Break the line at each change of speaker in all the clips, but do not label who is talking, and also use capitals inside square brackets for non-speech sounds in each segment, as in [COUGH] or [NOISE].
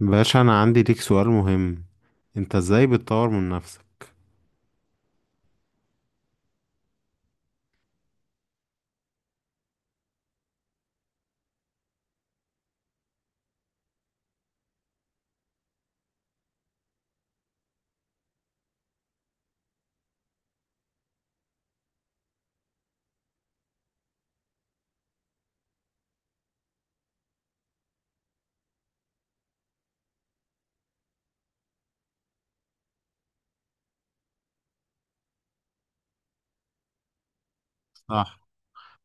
باشا انا عندي ليك سؤال مهم. انت ازاي بتطور من نفسك؟ صح.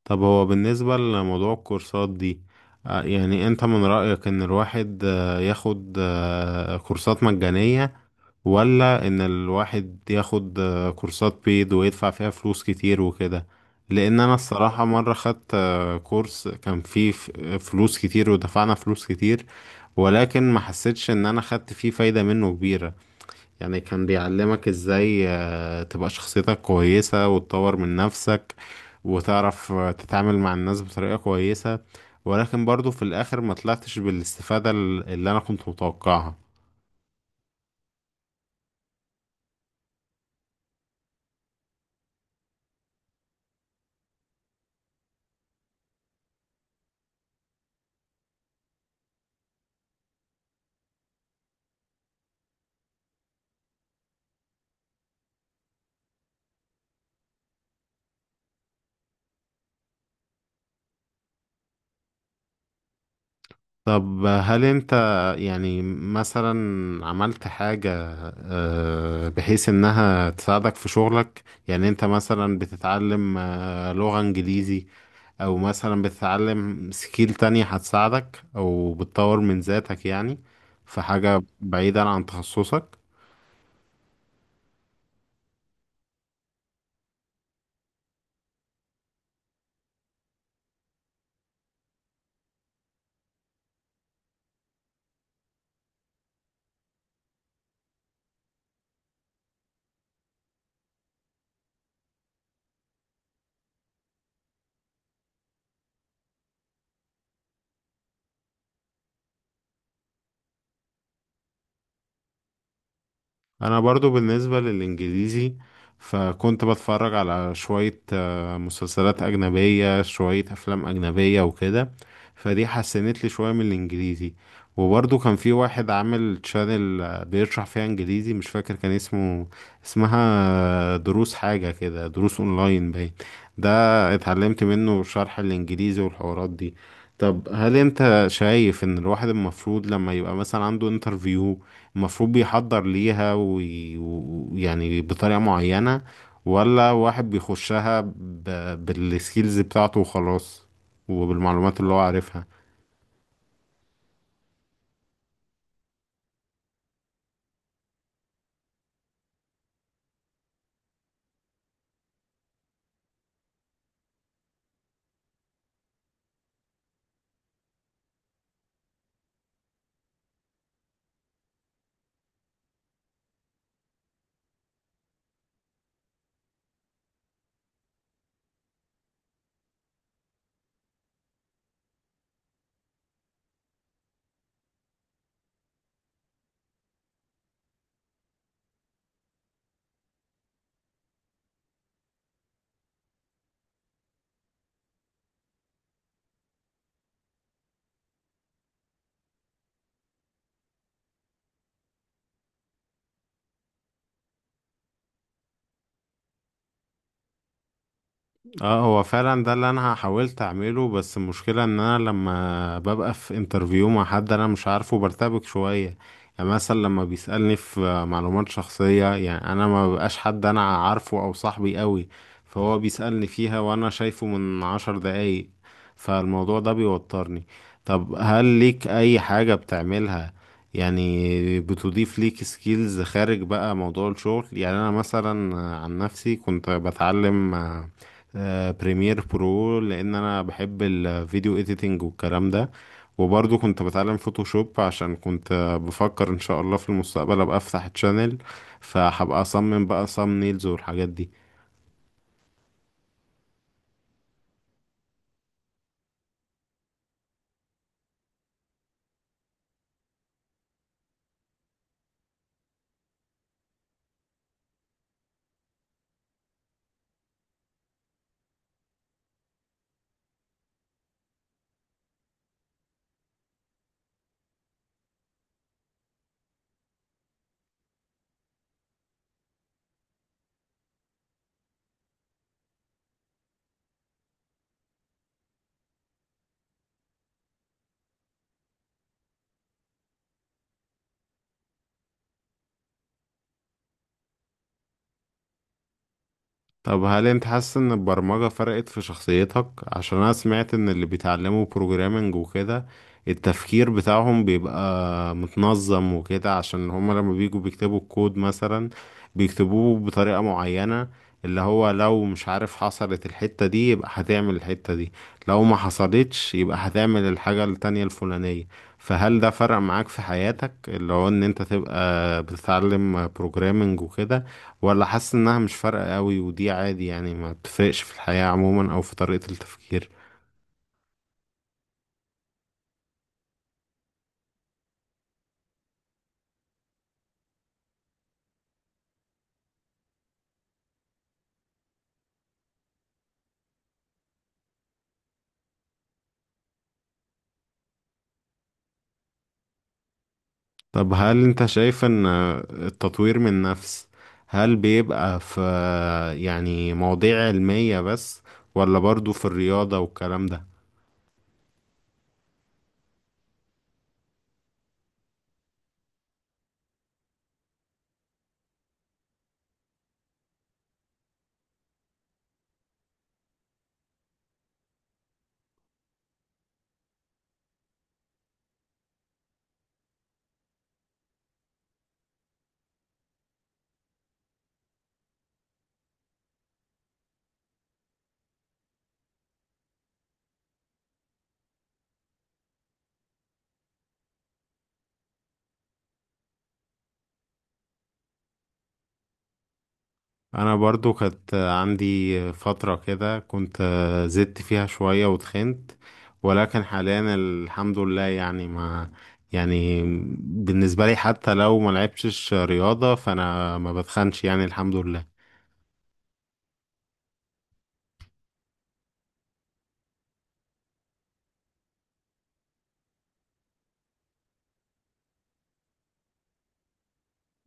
طب هو بالنسبة لموضوع الكورسات دي، يعني انت من رأيك ان الواحد ياخد كورسات مجانية، ولا ان الواحد ياخد كورسات بيد ويدفع فيها فلوس كتير وكده؟ لان انا الصراحة مرة خدت كورس كان فيه فلوس كتير، ودفعنا فلوس كتير، ولكن ما حسيتش ان انا خدت فيه فايدة منه كبيرة. يعني كان بيعلمك ازاي تبقى شخصيتك كويسة وتطور من نفسك، وتعرف تتعامل مع الناس بطريقة كويسة، ولكن برضو في الآخر ما طلعتش بالاستفادة اللي أنا كنت متوقعها. طب هل أنت، يعني مثلا، عملت حاجة بحيث إنها تساعدك في شغلك؟ يعني أنت مثلا بتتعلم لغة إنجليزي، او مثلا بتتعلم سكيل تانية هتساعدك او بتطور من ذاتك، يعني في حاجة بعيدا عن تخصصك. انا برضو بالنسبة للانجليزي، فكنت بتفرج على شوية مسلسلات اجنبية، شوية افلام اجنبية وكده، فدي حسنت لي شوية من الانجليزي. وبرضو كان في واحد عامل تشانل بيشرح فيها انجليزي، مش فاكر كان اسمه، اسمها دروس حاجة كده، دروس اونلاين باين، ده اتعلمت منه شرح الانجليزي والحوارات دي. طب هل انت شايف ان الواحد المفروض لما يبقى مثلا عنده انترفيو، المفروض بيحضر ليها ويعني بطريقة معينة، ولا واحد بيخشها بالسكيلز بتاعته وخلاص، وبالمعلومات اللي هو عارفها؟ اه، هو فعلا ده اللي انا حاولت اعمله، بس المشكلة ان انا لما ببقى في انترفيو مع حد انا مش عارفه برتبك شوية. يعني مثلا لما بيسألني في معلومات شخصية، يعني انا ما ببقاش حد انا عارفه او صاحبي قوي، فهو بيسألني فيها وانا شايفه من عشر دقايق، فالموضوع ده بيوترني. طب هل ليك اي حاجة بتعملها، يعني بتضيف ليك سكيلز خارج بقى موضوع الشغل؟ يعني انا مثلا عن نفسي كنت بتعلم بريمير برو، لان انا بحب الفيديو اديتنج والكلام ده، وبرضه كنت بتعلم فوتوشوب عشان كنت بفكر ان شاء الله في المستقبل ابقى افتح تشانل، فهبقى اصمم بقى صامنيلز والحاجات دي. طب هل انت حاسس ان البرمجة فرقت في شخصيتك؟ عشان انا سمعت ان اللي بيتعلموا بروجرامنج وكده التفكير بتاعهم بيبقى متنظم وكده، عشان هما لما بيجوا بيكتبوا الكود مثلا بيكتبوه بطريقة معينة، اللي هو لو مش عارف حصلت الحتة دي يبقى هتعمل الحتة دي، لو ما حصلتش يبقى هتعمل الحاجة التانية الفلانية. فهل ده فرق معاك في حياتك، اللي هو ان انت تبقى بتتعلم بروجرامنج وكده، ولا حاسس انها مش فارقة قوي ودي عادي، يعني ما بتفرقش في الحياة عموما او في طريقة التفكير؟ طب هل انت شايف ان التطوير من نفس، هل بيبقى في، يعني مواضيع علمية بس، ولا برضو في الرياضة والكلام ده؟ انا برضو كانت عندي فترة كده كنت زدت فيها شوية وتخنت، ولكن حاليا الحمد لله، يعني ما، يعني بالنسبة لي حتى لو ما لعبتش رياضة فانا ما بتخنش، يعني الحمد لله.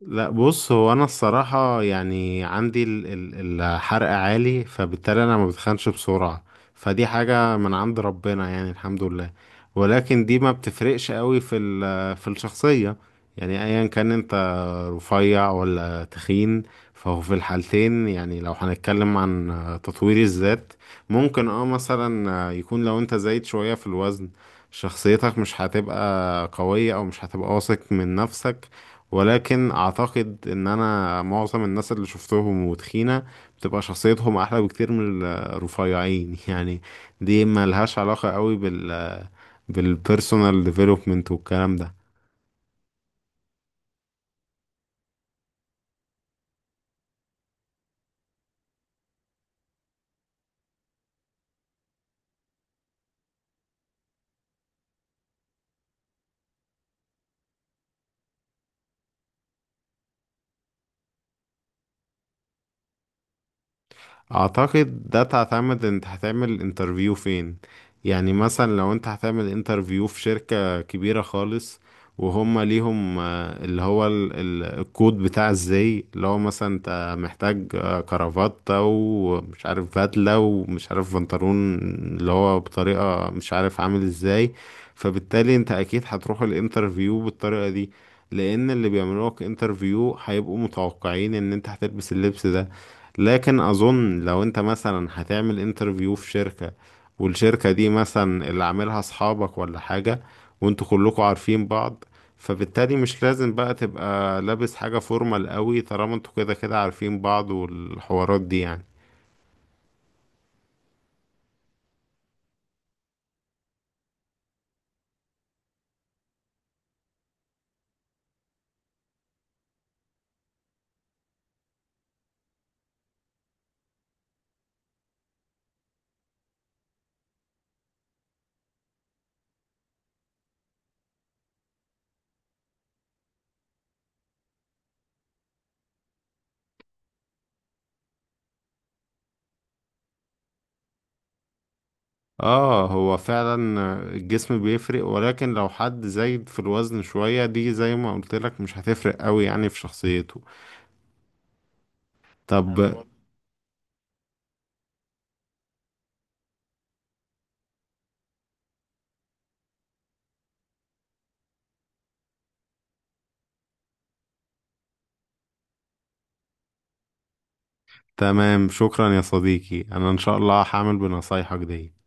لا، بص، هو انا الصراحة يعني عندي الحرق عالي، فبالتالي انا ما بتخنش بسرعة، فدي حاجة من عند ربنا يعني، الحمد لله. ولكن دي ما بتفرقش قوي في في الشخصية. يعني ايا كان انت رفيع ولا تخين، فهو في الحالتين، يعني لو هنتكلم عن تطوير الذات، ممكن اه مثلا يكون لو انت زايد شوية في الوزن شخصيتك مش هتبقى قوية او مش هتبقى واثق من نفسك. ولكن اعتقد ان انا معظم الناس اللي شفتهم وتخينة بتبقى شخصيتهم احلى بكتير من الرفيعين [LAUGHS] يعني، دي ملهاش علاقة قوي بال، بالبيرسونال ديفلوبمنت والكلام ده. اعتقد ده تعتمد انت هتعمل انترفيو فين. يعني مثلا لو انت هتعمل انترفيو في شركة كبيرة خالص، وهم ليهم اللي هو الكود بتاع ازاي، اللي هو مثلا انت محتاج كرافتة ومش عارف بدلة ومش عارف بنطلون اللي هو بطريقة مش عارف عامل ازاي، فبالتالي انت اكيد هتروح الانترفيو بالطريقة دي، لان اللي بيعملوك انترفيو هيبقوا متوقعين ان انت هتلبس اللبس ده. لكن اظن لو انت مثلا هتعمل انترفيو في شركة، والشركة دي مثلا اللي عاملها اصحابك ولا حاجة، وانتوا كلكوا عارفين بعض، فبالتالي مش لازم بقى تبقى لابس حاجة فورمال قوي، طالما انتوا كده كده عارفين بعض والحوارات دي يعني. اه، هو فعلا الجسم بيفرق، ولكن لو حد زايد في الوزن شوية دي زي ما قلت لك مش هتفرق قوي يعني في شخصيته. طب تمام. تمام شكرا يا صديقي، انا ان شاء الله هعمل بنصايحك دي.